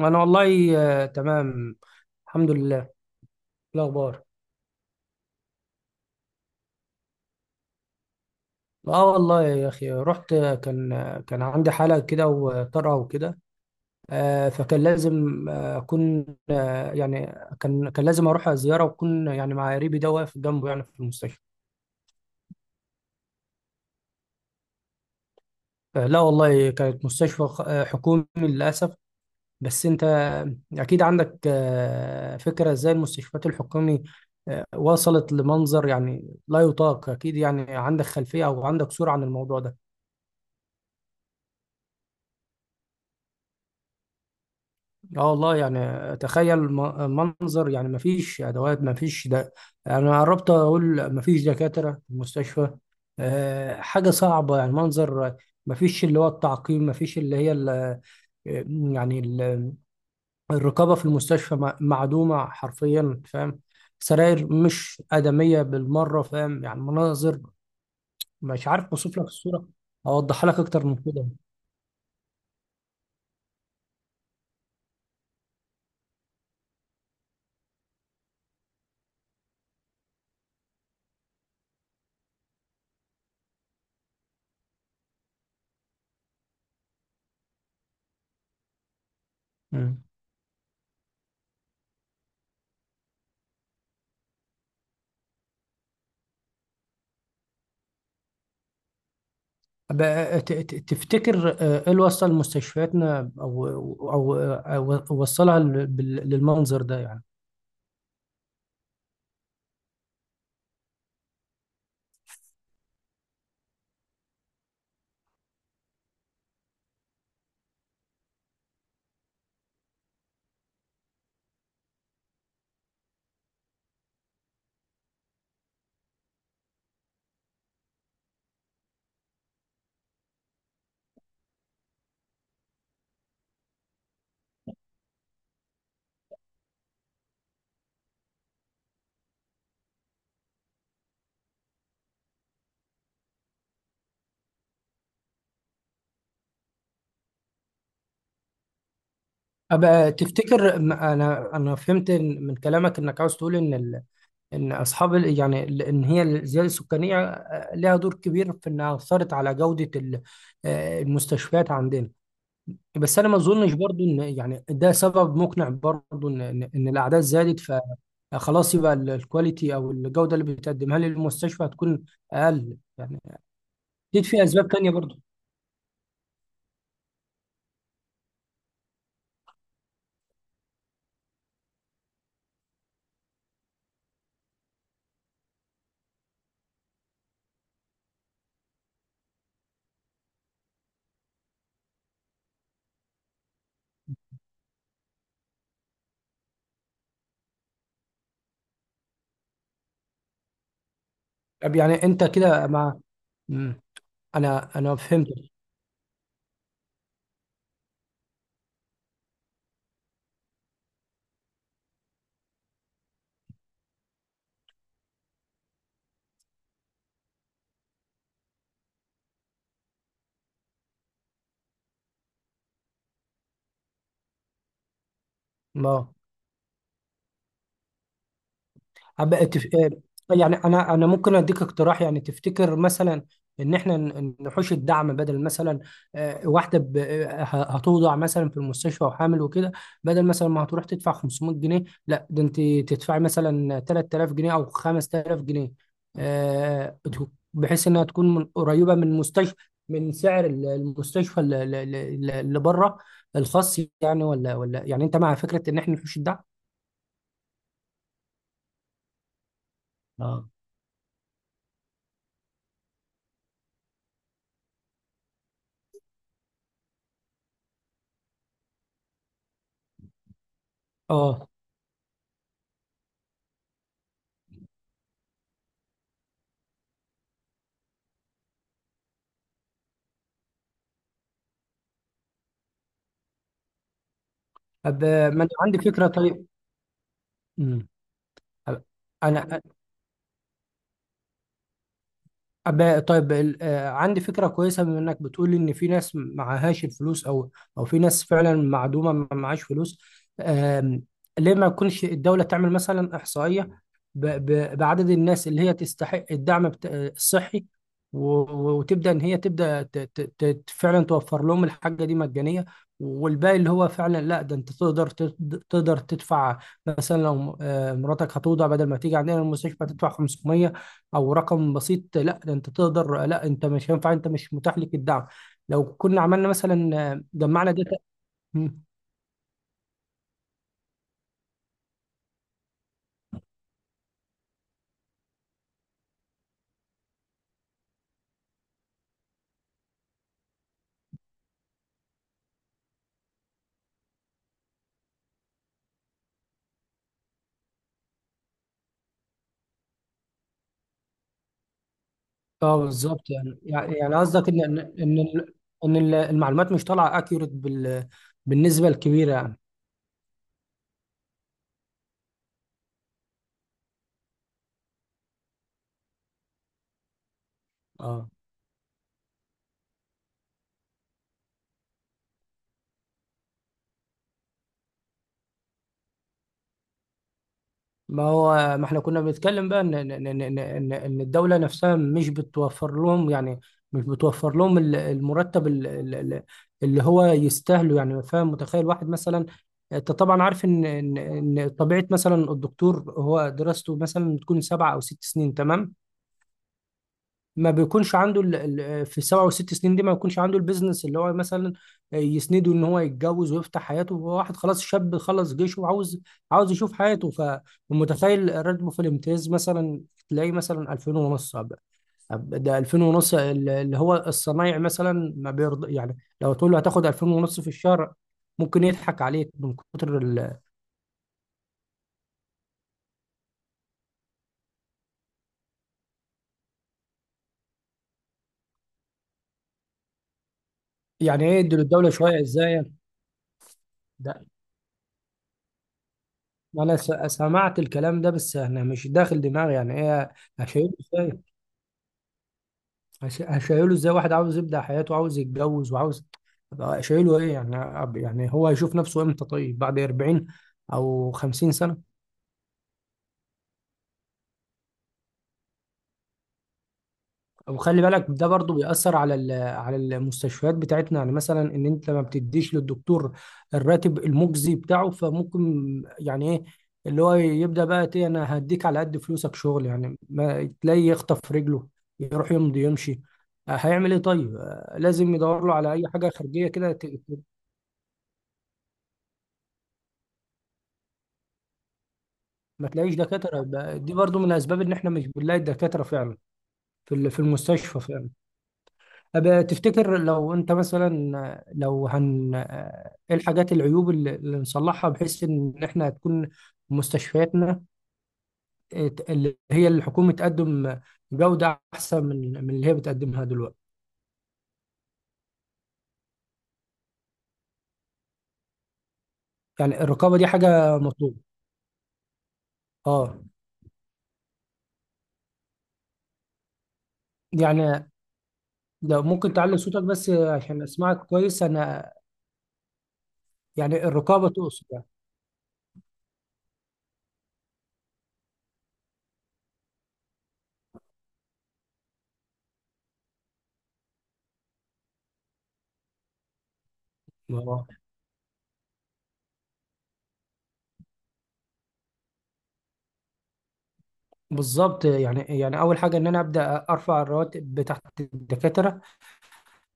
انا والله تمام. الحمد لله. إيه الاخبار؟ اه، والله يا اخي، رحت كان عندي حاله كده وطرقه وكده. فكان لازم اكون يعني كان لازم اروح زياره واكون يعني مع قريبي ده واقف جنبه يعني في المستشفى. لا والله، كانت مستشفى حكومي للاسف. بس انت اكيد عندك فكره ازاي المستشفيات الحكومي وصلت لمنظر يعني لا يطاق. اكيد يعني عندك خلفيه او عندك صوره عن الموضوع ده. اه والله، يعني تخيل، منظر، يعني مفيش ادوات، مفيش ده. انا قربت اقول مفيش دكاتره في المستشفى. أه، حاجه صعبه يعني. منظر مفيش اللي هو التعقيم، مفيش اللي هي يعني الرقابه في المستشفى معدومه حرفيا. فاهم؟ سراير مش ادميه بالمره. فاهم؟ يعني مناظر. مش عارف اوصف لك الصوره. اوضحها لك اكتر من كده. بقى تفتكر ايه اللي وصل مستشفياتنا، او او أو وصلها للمنظر ده يعني؟ ابقى تفتكر، انا فهمت من كلامك انك عاوز تقول ان ان اصحاب يعني ان هي الزياده السكانيه لها دور كبير في انها اثرت على جوده المستشفيات عندنا. بس انا ما اظنش برضو ان يعني ده سبب مقنع برضو ان إن الاعداد زادت فخلاص يبقى الكواليتي او الجوده اللي بتقدمها للمستشفى هتكون اقل يعني. اكيد في اسباب تانية برضو. طب يعني انت كده مع. مم. انا فهمت. اه. أبقى تف... آه، يعني انا ممكن اديك اقتراح. يعني تفتكر مثلا ان احنا نحوش الدعم؟ بدل مثلا واحده هتوضع مثلا في المستشفى وحامل وكده، بدل مثلا ما هتروح تدفع 500 جنيه، لا ده انت تدفعي مثلا 3000 جنيه او 5000 جنيه آه، ت- بحيث انها تكون من قريبه من مستشفى، من سعر المستشفى اللي بره، الخاص يعني. ولا يعني انت مع فكره ان احنا نحوش الدعم؟ اه. اه. طب ما انا عندي فكره. طيب. مم. أنا. طيب عندي فكرة كويسة. بما إنك بتقول إن في ناس معهاش الفلوس، أو أو في ناس فعلا معدومة ما معهاش فلوس، آم، ليه ما يكونش الدولة تعمل مثلا إحصائية بعدد الناس اللي هي تستحق الدعم الصحي، وتبدأ إن هي تبدأ فعلا توفر لهم الحاجة دي مجانية، والباقي اللي هو فعلا لا ده أنت تقدر تقدر تدفع. مثلا لو مراتك هتوضع، بدل ما تيجي عندنا المستشفى تدفع 500 او رقم بسيط، لا ده انت تقدر. لا انت مش هينفع، انت مش متاح لك الدعم لو كنا عملنا مثلا جمعنا داتا. مم. اه، بالظبط. يعني يعني قصدك ان إن المعلومات مش طالعه اكيوريت بال، بالنسبه الكبيره يعني. اه. ما هو، ما احنا كنا بنتكلم بقى ان إن الدوله نفسها مش بتوفر لهم يعني، مش بتوفر لهم المرتب اللي هو يستاهله يعني. فاهم؟ متخيل واحد مثلا، انت طبعا عارف ان ان طبيعه مثلا الدكتور، هو دراسته مثلا بتكون 7 أو 6 سنين. تمام. ما بيكونش عنده في السبع والست سنين دي ما بيكونش عنده البيزنس اللي هو مثلا يسنده ان هو يتجوز ويفتح حياته. هو واحد خلاص شاب خلص جيشه وعاوز، عاوز يشوف حياته. فمتخيل راتبه في الامتياز مثلا تلاقيه مثلا 2000 ونص. ده 2000 ونص، اللي هو الصنايعي مثلا ما بيرضى يعني. لو تقول له هتاخد 2000 ونص في الشهر ممكن يضحك عليك من كتر ال. يعني ايه يدي للدولة شوية ازاي؟ ده انا سمعت الكلام ده، بس انا مش داخل دماغي يعني ايه. شايف؟ هشيله ازاي واحد عاوز يبدأ حياته وعاوز يتجوز وعاوز؟ أبقى شايله ايه يعني؟ يعني هو هيشوف نفسه امتى؟ طيب بعد 40 او 50 سنة. وخلي بالك ده برضو بيأثر على على المستشفيات بتاعتنا. يعني مثلا ان انت ما بتديش للدكتور الراتب المجزي بتاعه، فممكن يعني ايه اللي هو يبدأ بقى ايه، انا هديك على قد فلوسك شغل، يعني ما تلاقي يخطف رجله يروح يمضي يمشي. هيعمل ايه طيب؟ لازم يدور له على اي حاجة خارجية كده. ما تلاقيش دكاترة. يبقى دي برضو من الأسباب إن إحنا مش بنلاقي الدكاترة فعلا في في المستشفى فعلا. أبقى تفتكر لو أنت مثلا، لو هن إيه الحاجات، العيوب اللي نصلحها بحيث إن إحنا تكون مستشفياتنا اللي هي الحكومة تقدم جودة أحسن من اللي هي بتقدمها دلوقتي؟ يعني الرقابة دي حاجة مطلوبة؟ أه. يعني لو ممكن تعلي صوتك بس عشان أسمعك كويس أنا. يعني الرقابة تقصد. يعني بالظبط. يعني اول حاجه ان انا ابدا ارفع الرواتب بتاعت الدكاتره.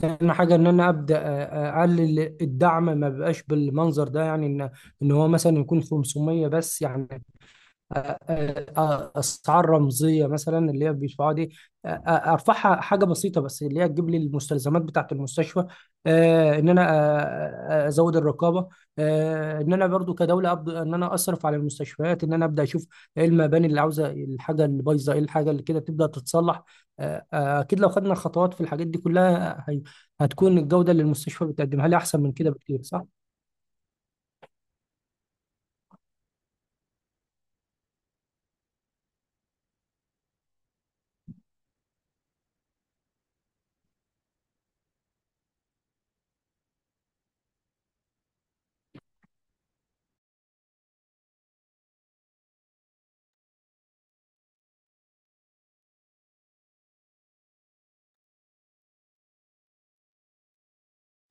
ثاني حاجه ان انا ابدا اقلل الدعم، ما بقاش بالمنظر ده، يعني ان ان هو مثلا يكون 500 بس يعني. آه، اسعار رمزيه مثلا اللي هي بيدفعوها دي، ارفعها حاجه بسيطه بس اللي هي تجيب لي المستلزمات بتاعه المستشفى. ان انا ازود الرقابه. ان انا برضو كدوله ابدا ان انا اصرف على المستشفيات، ان انا ابدا اشوف ايه المباني اللي عاوزه، الحاجه اللي بايظه، ايه الحاجه اللي كده تبدا تتصلح. اكيد لو خدنا خطوات في الحاجات دي كلها هتكون الجوده اللي المستشفى بتقدمها لي احسن من كده بكتير، صح؟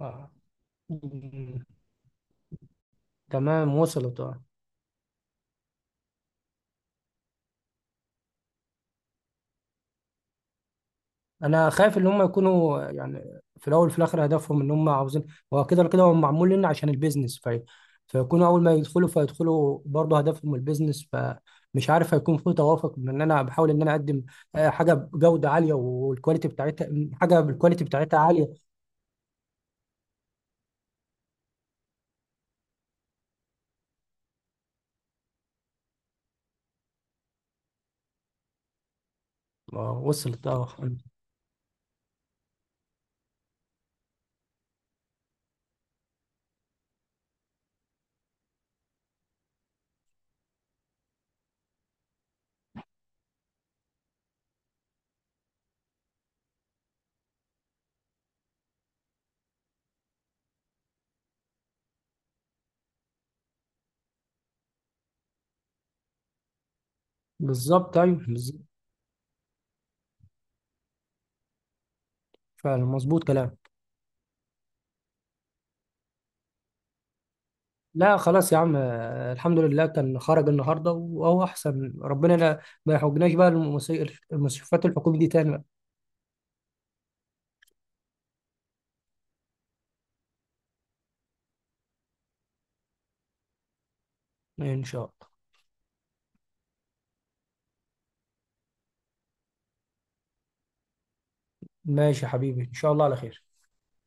آه. تمام، وصلت. اه. انا خايف ان هم يكونوا يعني في الاول وفي الاخر هدفهم ان هم عاوزين، هو كده ولا كده هو معمول لنا عشان البيزنس. في، فيكونوا اول ما يدخلوا فيدخلوا برضه هدفهم البيزنس. فمش عارف هيكون في توافق من ان انا بحاول ان انا اقدم حاجه بجوده عاليه والكواليتي بتاعتها، حاجه بالكواليتي بتاعتها عاليه. وصلت. اه. بالظبط. ايوه، بالظبط. فعلا مظبوط كلام. لا خلاص يا عم، الحمد لله كان خرج النهارده وهو احسن. ربنا لا ما يحوجناش بقى المستشفيات الحكومي دي تاني. ان شاء الله. ماشي يا حبيبي، ان شاء الله على خير.